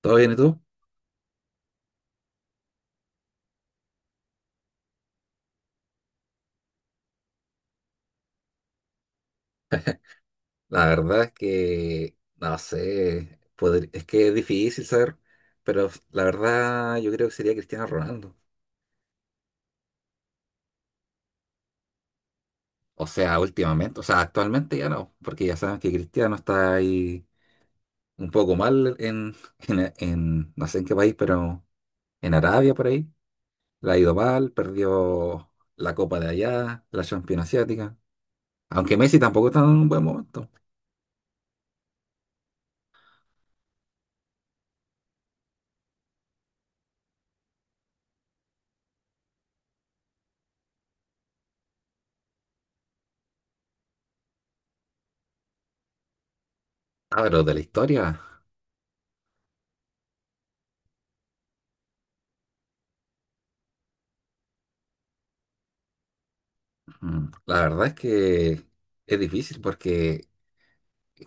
¿Todo bien y tú? La verdad es que no sé, podr- es que es difícil saber, pero la verdad yo creo que sería Cristiano Ronaldo. O sea, últimamente, o sea, actualmente ya no, porque ya saben que Cristiano está ahí un poco mal en, en- no sé en qué país, pero en Arabia por ahí. La ha ido mal, perdió la Copa de allá, la Champions Asiática. Aunque Messi tampoco está en un buen momento. Ah, pero de la historia, la verdad es que es difícil porque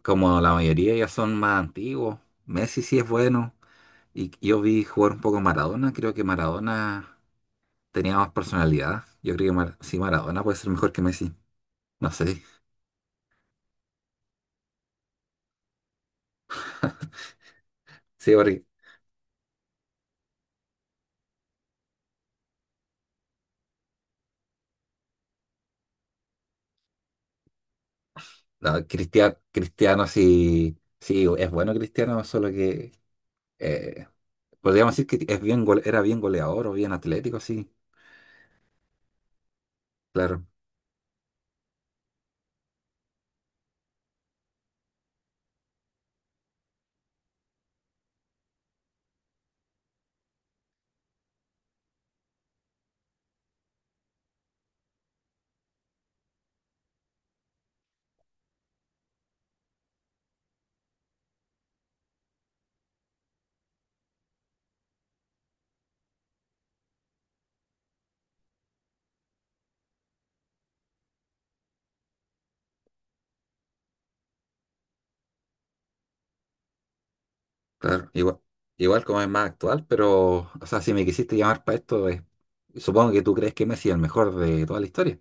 como la mayoría ya son más antiguos, Messi sí es bueno. Y yo vi jugar un poco Maradona. Creo que Maradona tenía más personalidad. Yo creo que Mar- sí, Maradona puede ser mejor que Messi. No sé. Sí, porque no, Cristiano, Cristiano sí, sí es bueno Cristiano, solo que eh, podríamos decir que es bien gole- era bien goleador o bien atlético, sí. Claro, claro. Igual, igual como es más actual, pero, o sea, si me quisiste llamar para esto, supongo que tú crees que Messi es el mejor de toda la historia.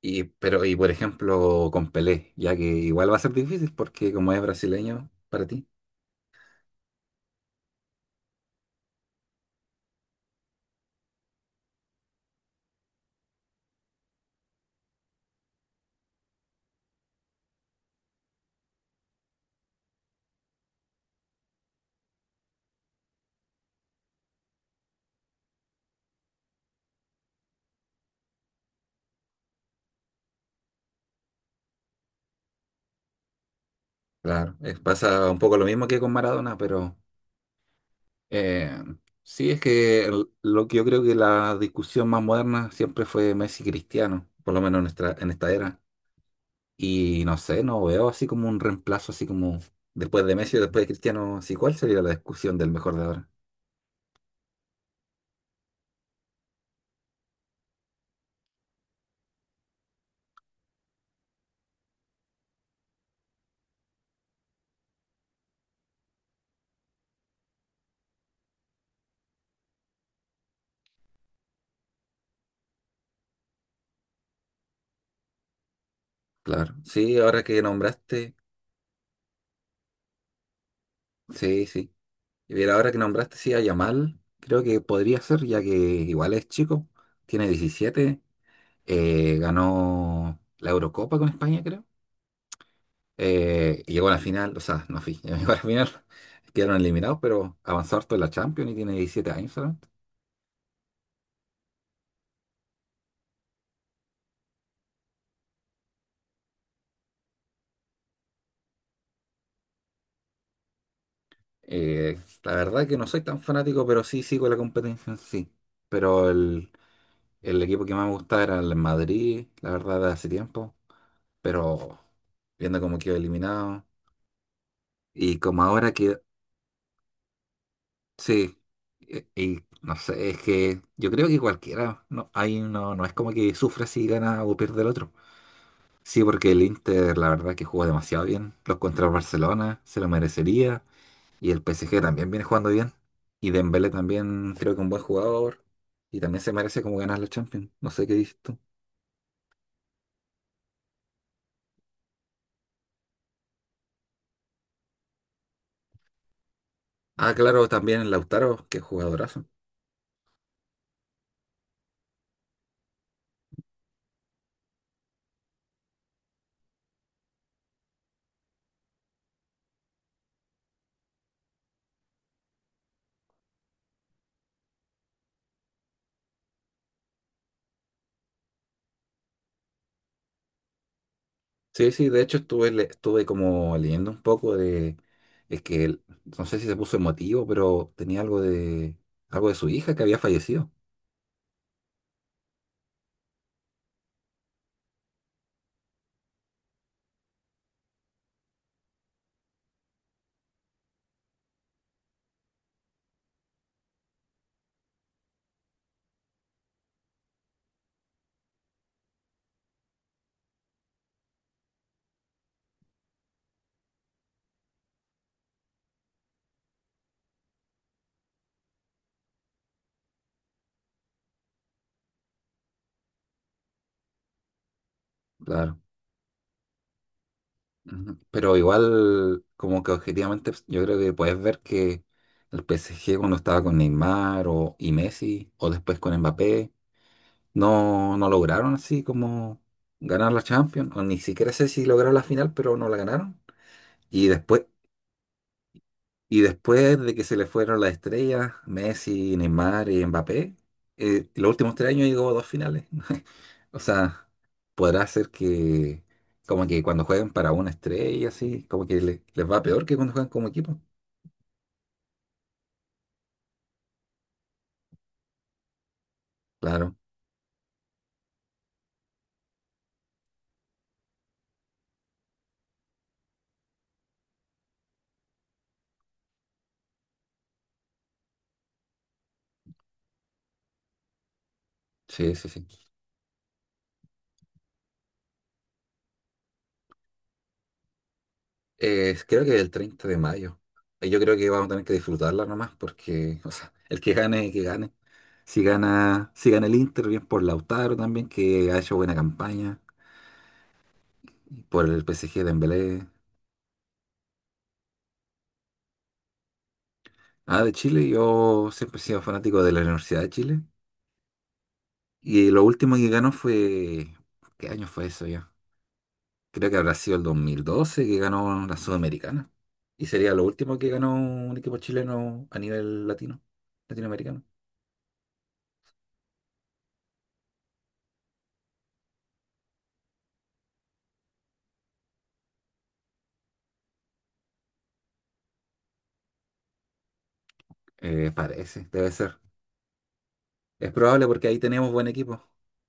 Y, pero, y por ejemplo, con Pelé, ya que igual va a ser difícil porque como es brasileño para ti, claro, es- pasa un poco lo mismo que con Maradona, pero eh, sí es que el- lo que yo creo que la discusión más moderna siempre fue Messi Cristiano, por lo menos en nuestra, en esta era. Y no sé, no veo así como un reemplazo, así como después de Messi o después de Cristiano, sí, ¿cuál sería la discusión del mejor de ahora? Claro, sí, ahora que nombraste, sí, sí. Y ver ahora que nombraste, sí, a Yamal, creo que podría ser, ya que igual es chico, tiene 17, ganó la Eurocopa con España, creo. Y llegó a la final, o sea, no fui, llegó a la final, quedaron eliminados, pero avanzó harto en la Champions y tiene 17 años solamente. La verdad que no soy tan fanático, pero sí sigo la competencia en sí. Pero el equipo que más me gustaba era el Madrid, la verdad, de hace tiempo, pero viendo cómo quedó eliminado. Y como ahora que sí, e- y, no sé, es que yo creo que cualquiera, no, ahí no, no es como que sufra si gana o pierde el otro. Sí, porque el Inter, la verdad que jugó demasiado bien. Los contra el Barcelona se lo merecería. Y el PSG también viene jugando bien. Y Dembélé también creo que un buen jugador. Y también se merece como ganar la Champions. No sé qué dices tú. Ah, claro, también Lautaro, que jugadorazo. Sí, sí, de hecho estuve, le- estuve como leyendo un poco de, es que él- no sé si se puso emotivo, pero tenía algo de su hija que había fallecido, claro. Ujú. Pero igual, como que objetivamente, pues, yo creo que puedes ver que el PSG cuando estaba con Neymar o, y Messi, o después con Mbappé, no, no lograron así como ganar la Champions, o ni siquiera sé si lograron la final, pero no la ganaron. Y después, y después de que se le fueron las estrellas, Messi, Neymar y Mbappé, los últimos tres años llegó a dos finales. O sea, podrá ser que como que cuando juegan para una estrella, así, como que le- les va peor que cuando juegan como equipo. Claro, sí, sí, sí. Creo que el 30 de mayo. Yo creo que vamos a tener que disfrutarla nomás, porque, o sea, el que gane, que gane. Si gana, si gana el Inter, bien por Lautaro también, que ha hecho buena campaña, por el PSG de Dembélé. Ah, de Chile, yo siempre he sido fanático de la Universidad de Chile. Y lo último que ganó fue... ¿Qué año fue eso ya? Creo que habrá sido el 2012 que ganó la Sudamericana. Y sería lo último que ganó un equipo chileno a nivel latino, latinoamericano. Parece, debe ser. Es probable porque ahí tenemos buen equipo.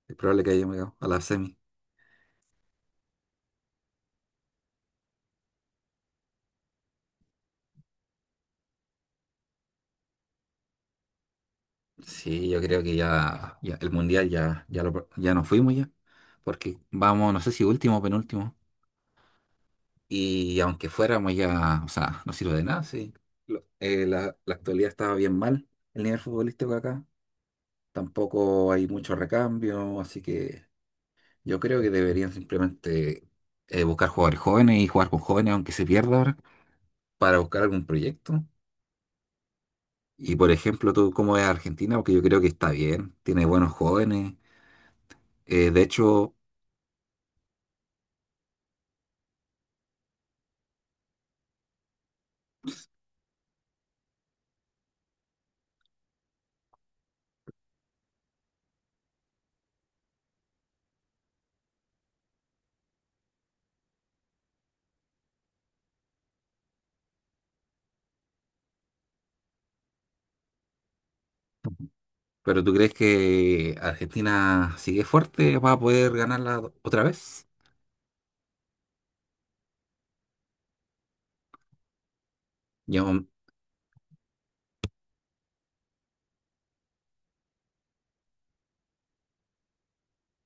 Es probable que hayamos llegado a la semi. Sí, yo creo que ya, ya el mundial ya, ya, lo, ya nos fuimos ya. Porque vamos, no sé si último o penúltimo. Y aunque fuéramos ya, o sea, no sirve de nada, sí. Lo- la, la actualidad estaba bien mal, el nivel futbolístico acá. Tampoco hay mucho recambio, así que yo creo que deberían simplemente buscar jugadores jóvenes y jugar con jóvenes, aunque se pierda ahora, para buscar algún proyecto. Y por ejemplo, tú, ¿cómo ves a Argentina? Porque yo creo que está bien, tiene buenos jóvenes. De hecho, ¿pero tú crees que Argentina sigue fuerte? ¿Va a poder ganarla otra vez? Yo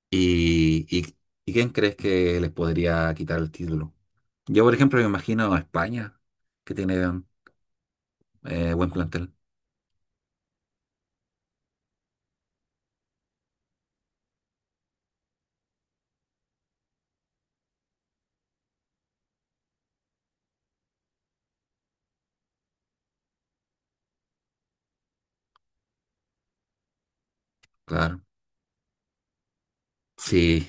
¿y, y quién crees que les podría quitar el título? Yo, por ejemplo, me imagino a España, que tiene buen plantel, claro. Sí,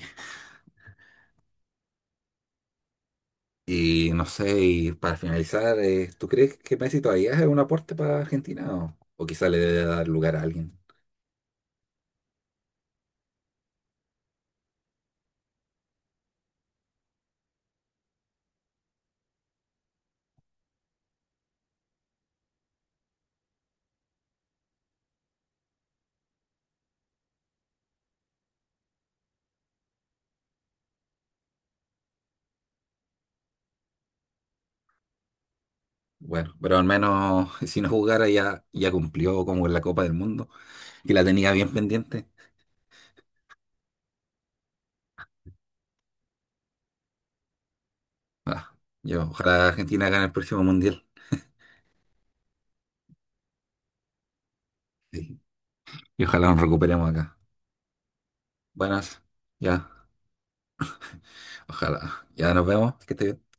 y no sé, y para finalizar, ¿tú crees que Messi todavía es un aporte para Argentina o quizá le debe dar lugar a alguien? Bueno, pero al menos si no jugara ya, ya cumplió como en la Copa del Mundo y la tenía bien pendiente. Ah, yo, ojalá Argentina gane el próximo Mundial sí, y ojalá nos recuperemos acá. Buenas, ya. Ojalá. Ya nos vemos. Que estés bien.